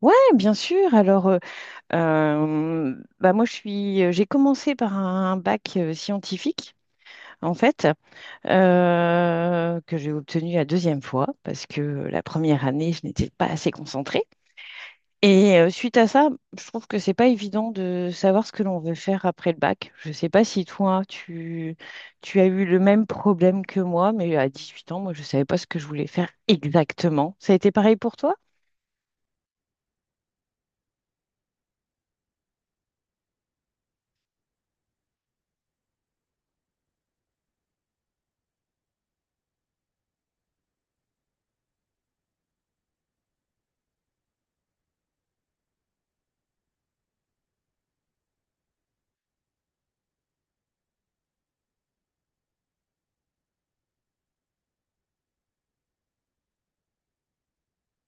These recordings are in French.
Ouais, bien sûr. Alors, bah moi, j'ai commencé par un bac scientifique, en fait, que j'ai obtenu la deuxième fois parce que la première année, je n'étais pas assez concentrée. Et suite à ça, je trouve que c'est pas évident de savoir ce que l'on veut faire après le bac. Je sais pas si toi, tu as eu le même problème que moi, mais à 18 ans, moi, je savais pas ce que je voulais faire exactement. Ça a été pareil pour toi?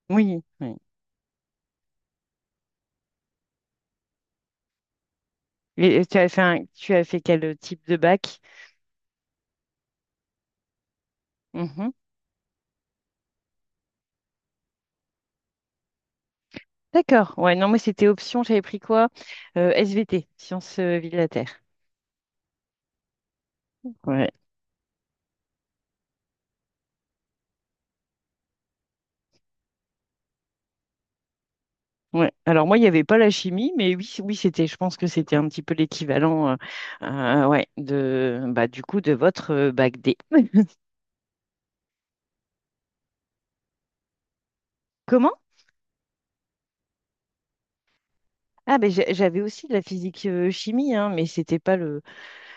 Oui, oui. Et tu as fait quel type de bac? Mhm. D'accord. Ouais, non, moi c'était option, j'avais pris quoi? SVT, sciences vie de la Terre. Ouais. Ouais. Alors moi, il n'y avait pas la chimie, mais oui, oui, c'était, je pense que c'était un petit peu l'équivalent ouais, de bah du coup de votre bac D. Comment? Ah ben j'avais aussi de la physique chimie, hein, mais c'était pas le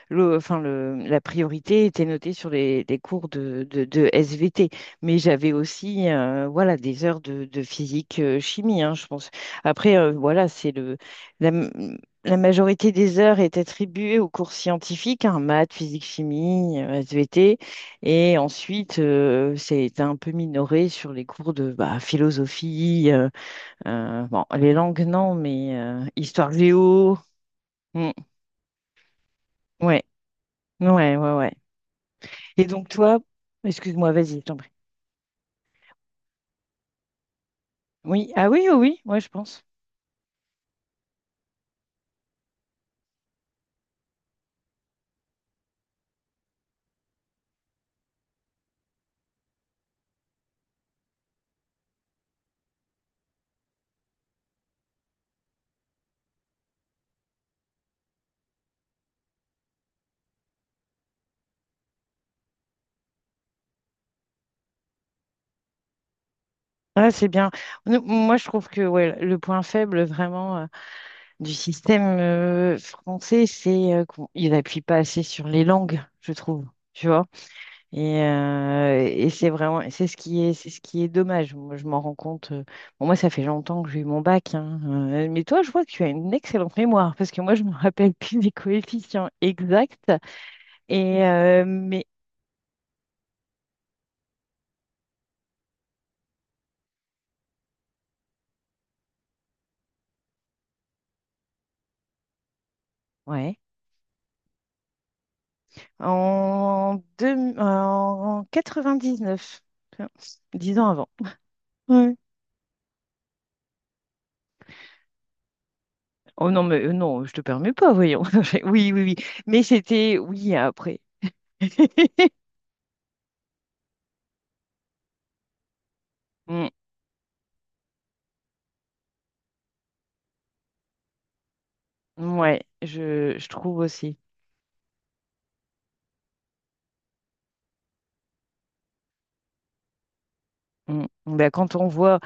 le, enfin le, la priorité était notée sur les cours de SVT, mais j'avais aussi voilà des heures de physique chimie, hein, je pense. Après, voilà, c'est la, m- la majorité des heures est attribuée aux cours scientifiques, hein, maths, physique, chimie, SVT, et ensuite c'est un peu minoré sur les cours de bah, philosophie, bon, les langues non, mais histoire géo. Mm. Ouais, ouais, ouais, ouais. Et donc toi, excuse-moi, vas-y, je t'en prie. Oui, ah oui, oui, oui, moi je pense. Ah, c'est bien. Moi, je trouve que ouais, le point faible vraiment du système français, c'est qu'il n'appuie pas assez sur les langues, je trouve. Tu vois? Et c'est vraiment, c'est ce qui est dommage. Moi, je m'en rends compte. Bon, moi, ça fait longtemps que j'ai eu mon bac, hein, mais toi, je vois que tu as une excellente mémoire parce que moi, je me rappelle plus des coefficients exacts. Et mais ouais. En 99, tiens, 10 ans avant. Ouais. Oh non, mais non, je te permets pas, voyons. Oui, oui, oui. Mais c'était, oui, après. Mm, ouais, je trouve aussi. Mm. Ben, quand on voit,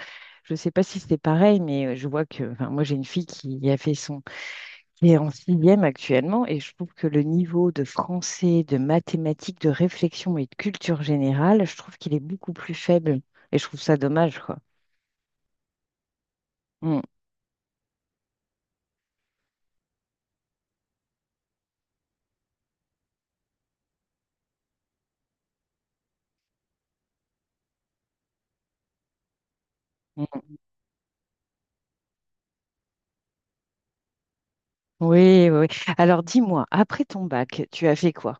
je sais pas si c'est pareil, mais je vois que, enfin, moi j'ai une fille qui a fait son, qui est en sixième actuellement, et je trouve que le niveau de français, de mathématiques, de réflexion et de culture générale, je trouve qu'il est beaucoup plus faible. Et je trouve ça dommage, quoi. Mm, mm. Oui, oui, oui. Alors dis-moi, après ton bac, tu as fait quoi?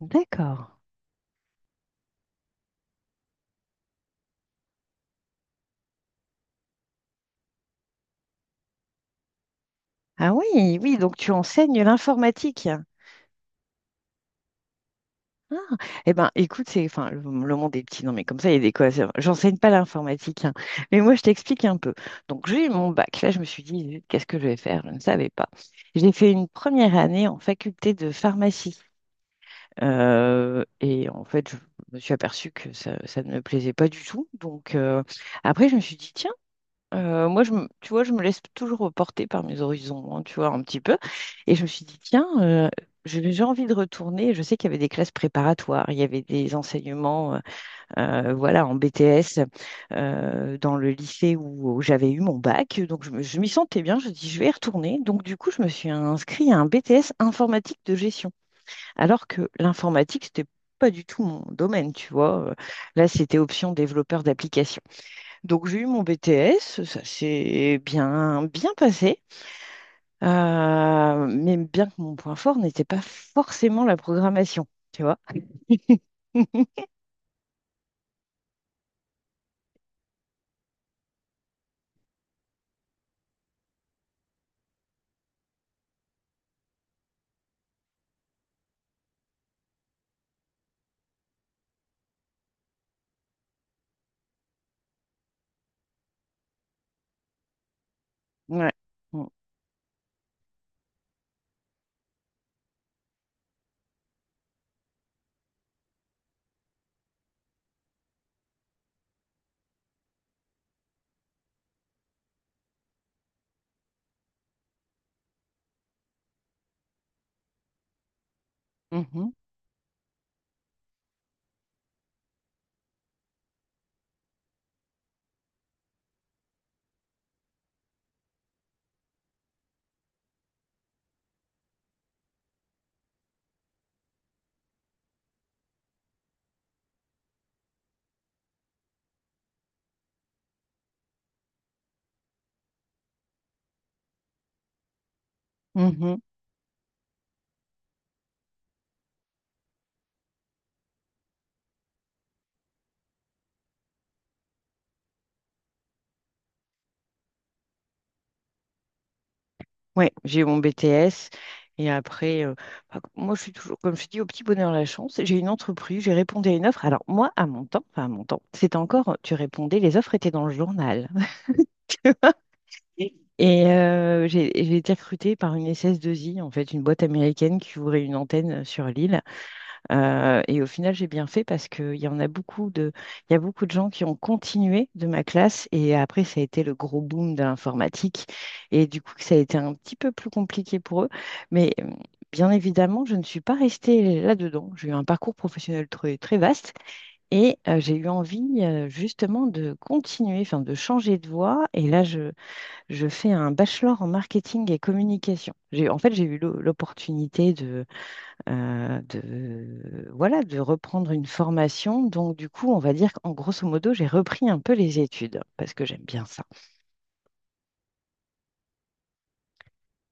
D'accord. Ah oui, oui, donc tu enseignes l'informatique. Ah, eh ben, écoute, c'est, enfin, le monde est petit, non, mais comme ça, il y a des quoi. J'enseigne pas l'informatique, hein. Mais moi, je t'explique un peu. Donc, j'ai eu mon bac. Là, je me suis dit, zut, qu'est-ce que je vais faire? Je ne savais pas. J'ai fait une première année en faculté de pharmacie. Et en fait, je me suis aperçue que ça ne me plaisait pas du tout. Donc, après, je me suis dit, moi, tu vois, je me laisse toujours porter par mes horizons, hein, tu vois, un petit peu. Et je me suis dit, tiens, j'ai envie de retourner. Je sais qu'il y avait des classes préparatoires, il y avait des enseignements, voilà, en BTS, dans le lycée où j'avais eu mon bac. Donc, je m'y sentais bien. Je dis, je vais y retourner. Donc, du coup, je me suis inscrite à un BTS informatique de gestion, alors que l'informatique, c'était pas du tout mon domaine, tu vois. Là, c'était option développeur d'applications. Donc j'ai eu mon BTS, ça s'est bien passé. Mais bien que mon point fort n'était pas forcément la programmation, tu vois. Ouais. Mm. Mhm. Mhm. Ouais, j'ai eu mon BTS et après, bah, moi je suis toujours, comme je dis, au petit bonheur la chance. J'ai une entreprise, j'ai répondu à une offre. Alors moi, à mon temps, enfin à mon temps, c'était encore, tu répondais, les offres étaient dans le journal. Et j'ai été recrutée par une SS2I, en fait, une boîte américaine qui ouvrait une antenne sur l'île. Et au final, j'ai bien fait parce qu'il y en a il y a beaucoup de gens qui ont continué de ma classe et après, ça a été le gros boom de l'informatique et du coup, ça a été un petit peu plus compliqué pour eux. Mais bien évidemment, je ne suis pas restée là-dedans. J'ai eu un parcours professionnel très, très vaste et j'ai eu envie justement de continuer, enfin de changer de voie. Et là, je fais un bachelor en marketing et communication. En fait, j'ai eu l'opportunité voilà, de reprendre une formation. Donc, du coup, on va dire qu'en grosso modo, j'ai repris un peu les études parce que j'aime bien ça.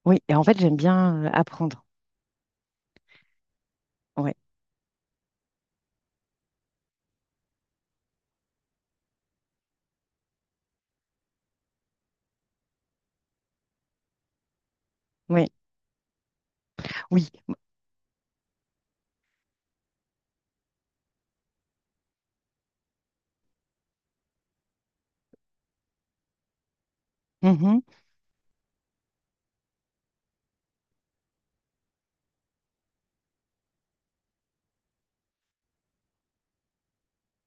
Oui, et en fait, j'aime bien apprendre. Ouais, ouais, oui. Mhm.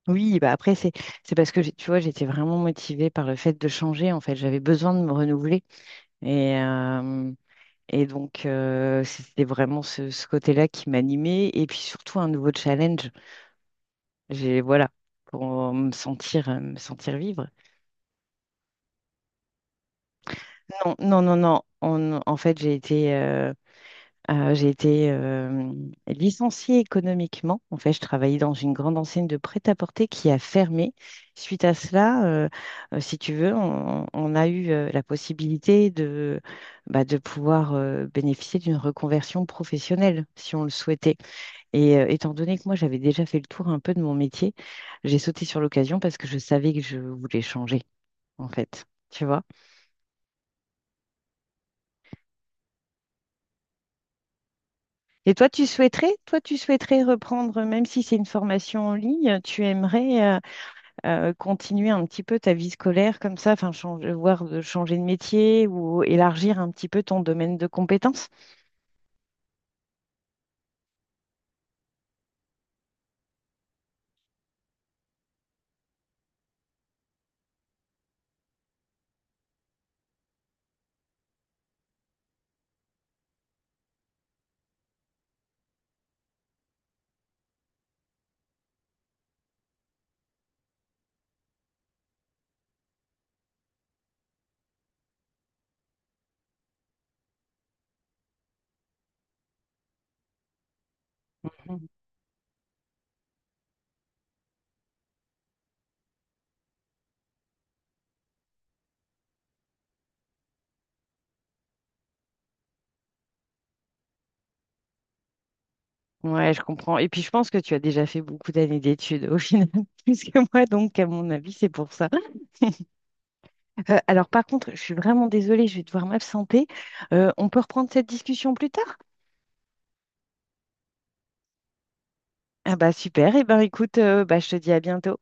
Oui, bah après, c'est parce que, tu vois, j'étais vraiment motivée par le fait de changer. En fait, j'avais besoin de me renouveler. Et, euh, et donc, c'était vraiment ce côté-là qui m'animait. Et puis, surtout, un nouveau challenge. J'ai, voilà, pour me sentir vivre. Non, non, non, non. En fait, j'ai été licenciée économiquement. En fait, je travaillais dans une grande enseigne de prêt-à-porter qui a fermé. Suite à cela, si tu veux, on a eu la possibilité bah, de pouvoir bénéficier d'une reconversion professionnelle, si on le souhaitait. Et étant donné que moi, j'avais déjà fait le tour un peu de mon métier, j'ai sauté sur l'occasion parce que je savais que je voulais changer, en fait. Tu vois? Et toi, tu souhaiterais reprendre, même si c'est une formation en ligne, tu aimerais continuer un petit peu ta vie scolaire comme ça, enfin, changer, voir de changer de métier ou élargir un petit peu ton domaine de compétences? Mhm. Ouais, je comprends. Et puis, je pense que tu as déjà fait beaucoup d'années d'études au final, plus que moi, donc à mon avis, c'est pour ça. Alors, par contre, je suis vraiment désolée, je vais devoir m'absenter. On peut reprendre cette discussion plus tard? Ah bah super. Et ben, écoute, bah, je te dis à bientôt.